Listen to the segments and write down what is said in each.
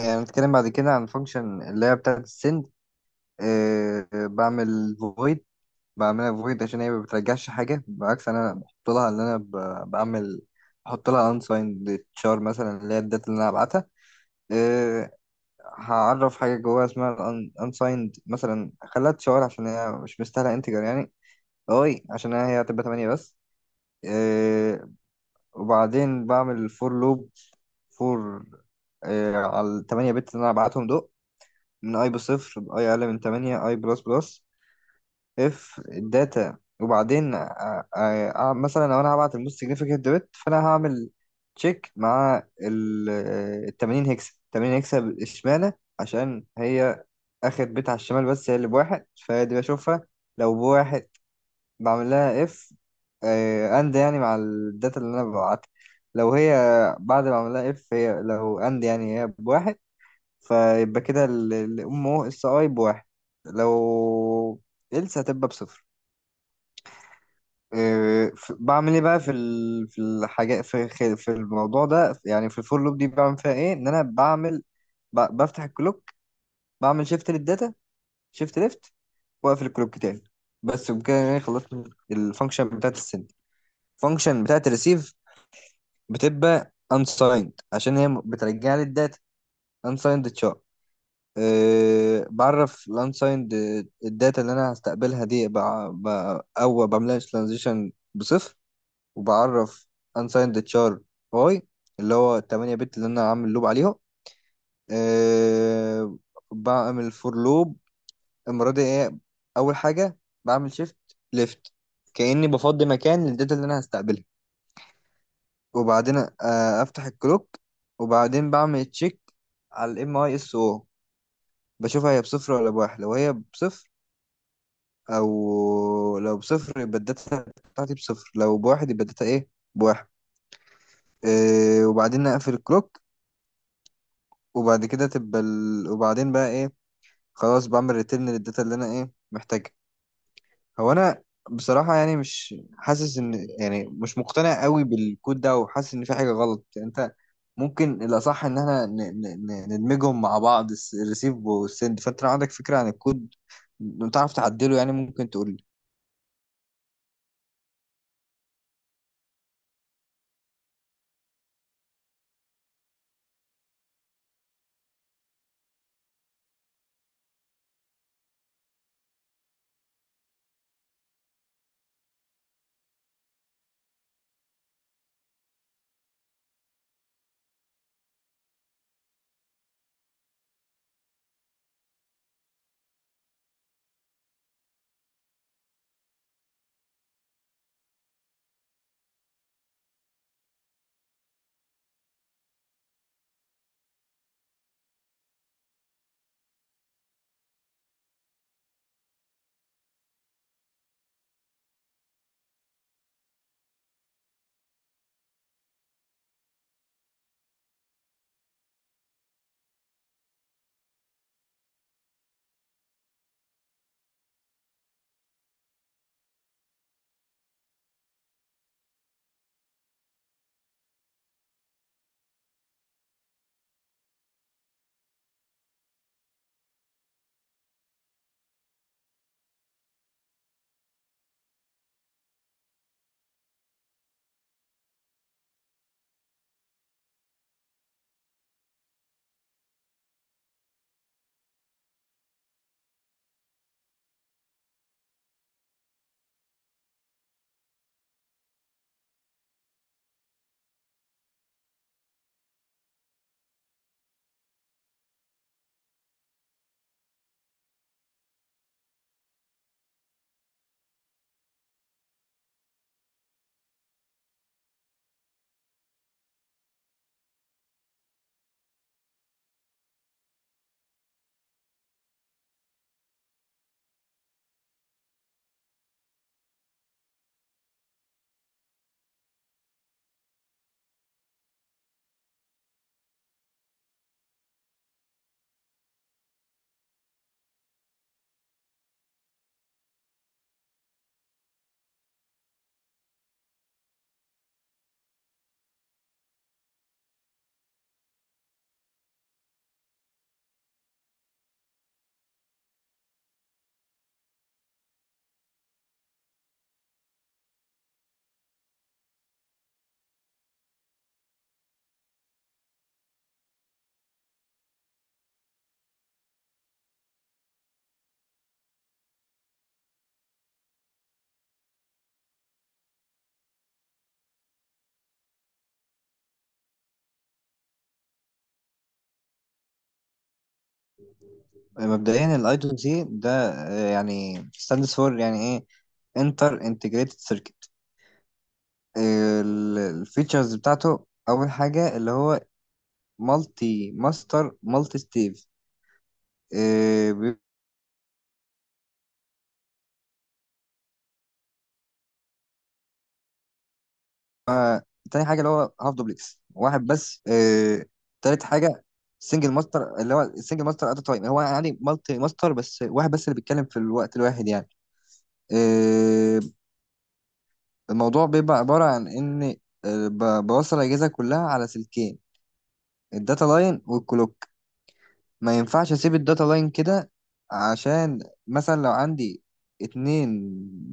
هنتكلم بعد كده عن فانكشن اللي هي بتاعة السند. بعمل فويد، بعملها فويد عشان هي ما بترجعش حاجة، بالعكس أنا بحط لها اللي أنا بعمل. بحط لها unsigned char مثلا اللي هي الداتا اللي أنا هبعتها. آه، هعرف حاجة جواها اسمها ال unsigned، مثلا خليها تشار عشان هي مش مستاهلة انتجر يعني، أوي عشان هي هتبقى تمانية بس. آه، وبعدين بعمل فور لوب، فور على 8 بت اللي أنا هبعتهم دول، من اي بصفر باي اقل من 8 اي بلس بلس. اف الداتا، وبعدين مثلا لو انا هبعت الموست سيجنفيكانت بت فانا هعمل تشيك مع ال 80 هكسة، 80 هكسة اشمعنى؟ عشان هي اخر بت على الشمال، بس هي اللي بواحد فدي بشوفها. لو بواحد بعمل لها اف اند يعني مع الداتا اللي انا ببعتها. لو هي بعد ما اعمل لها اف هي لو اند يعني هي بواحد، فيبقى كده الام او اس اي بواحد، لو إلسا هتبقى بصفر. إيه، بعمل ايه بقى في ال... في الحاجات في خ- في الموضوع ده، يعني في الفور لوب دي بعمل فيها ايه؟ ان انا بعمل، بفتح الكلوك، بعمل شيفت للداتا، شيفت ليفت، واقفل الكلوك تاني. بس بكده انا خلصت الفانكشن بتاعت السند. الفانكشن بتاعت الريسيف بتبقى unsigned عشان هي بترجع لي الداتا، unsigned char. بعرف الانسايند، الداتا اللي انا هستقبلها دي او بعملها ترانزيشن بصفر، وبعرف انسايند تشار باي اللي هو 8 بت اللي انا عامل لوب عليهم. أه بعمل فور لوب، المره دي ايه اول حاجه بعمل شيفت ليفت، كاني بفضي مكان للداتا اللي انا هستقبلها، وبعدين افتح الكلوك، وبعدين بعمل تشيك على الام اي اس او، بشوفها هي بصفر ولا بواحد. لو هي بصفر، او لو بصفر يبقى الداتا بتاعتي بصفر، لو بواحد يبقى الداتا ايه؟ بواحد. إيه، وبعدين نقفل الكلوك، وبعد كده تبقى وبعدين بقى ايه؟ خلاص بعمل ريتيرن للداتا اللي انا ايه محتاجها. هو انا بصراحة يعني مش حاسس ان، يعني مش مقتنع قوي بالكود ده، وحاسس ان في حاجة غلط يعني. انت ممكن الاصح ان احنا ندمجهم مع بعض، الريسيف والسند. فانت لو عندك فكرة عن الكود تعرف تعدله يعني، ممكن تقول. مبدئيا الايدو ده يعني stands for يعني ايه؟ انتر انتجريتد سيركت. الفيتشرز بتاعته، اول حاجه اللي هو مالتي ماستر مالتي ستيف. تاني حاجه اللي هو هاف دوبلكس واحد بس. تالت حاجه سنجل ماستر، اللي هو سنجل ماستر ات تايم، هو يعني مالتي ماستر بس واحد بس اللي بيتكلم في الوقت الواحد يعني. آه، الموضوع بيبقى عباره عن ان بوصل الاجهزه كلها على سلكين، الداتا لاين والكلوك. ما ينفعش اسيب الداتا لاين كده، عشان مثلا لو عندي اتنين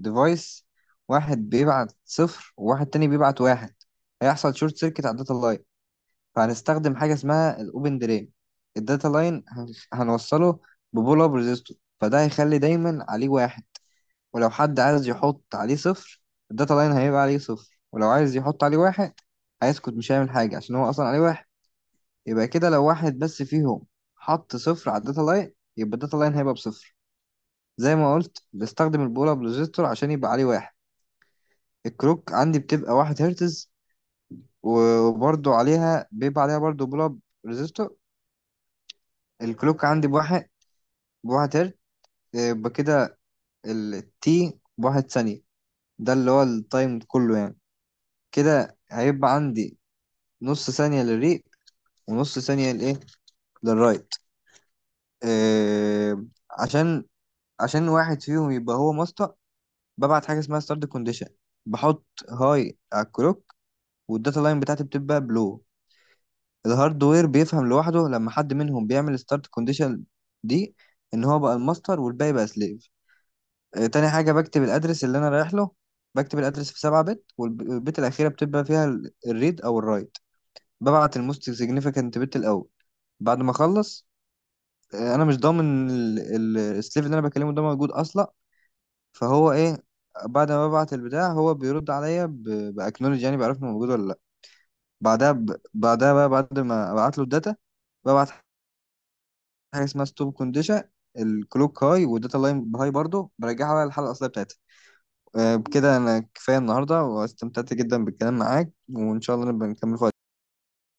ديفايس واحد بيبعت صفر وواحد تاني بيبعت واحد، هيحصل شورت سيركت على الداتا لاين. فهنستخدم حاجة اسمها الاوبن ديلي. الداتا لاين هنوصله ببول اب ريزيستور، فده هيخلي دايما عليه واحد، ولو حد عايز يحط عليه صفر الداتا لاين هيبقى عليه صفر، ولو عايز يحط عليه واحد هيسكت مش هيعمل حاجة عشان هو أصلا عليه واحد. يبقى كده لو واحد بس فيهم حط صفر على الداتا لاين، يبقى الداتا لاين هيبقى بصفر. زي ما قلت بستخدم البولا بروجيكتور عشان يبقى عليه واحد. الكروك عندي بتبقى واحد هرتز، وبرضو عليها بيبقى عليها برضو بولا بروجيكتور. الكلوك عندي بواحد، بواحد هرتز، يبقى كده التي بواحد ثانية، ده اللي هو التايم كله يعني. كده هيبقى عندي نص ثانية للريق، ونص ثانية لإيه؟ للرايت. آه، عشان عشان واحد فيهم يبقى هو ماستر، ببعت حاجه اسمها ستارت كونديشن. بحط هاي على الكلوك، والداتا لاين بتاعتي بتبقى بلو. الهاردوير بيفهم لوحده لما حد منهم بيعمل ستارت كونديشن دي، ان هو بقى الماستر والباقي بقى سليف. تاني حاجه بكتب الادرس اللي انا رايح له، بكتب الادرس في 7 بت والبت الاخيره بتبقى فيها الريد او الرايت. ببعت الموست سيجنيفيكانت بت الاول. بعد ما اخلص، انا مش ضامن السليف اللي انا بكلمه ده موجود اصلا، فهو ايه؟ بعد ما ببعت البتاع هو بيرد عليا باكنولج، يعني بعرف انه موجود ولا لا. بعدها بعدها بقى بعد ما ابعت له الداتا، ببعت حاجه اسمها ستوب كونديشن. الكلوك هاي والداتا لاين هاي برضو، برجعها بقى للحلقه الاصليه بتاعتها. بكده انا كفايه النهارده، واستمتعت جدا بالكلام معاك، وان شاء الله نبقى نكمل في وقت.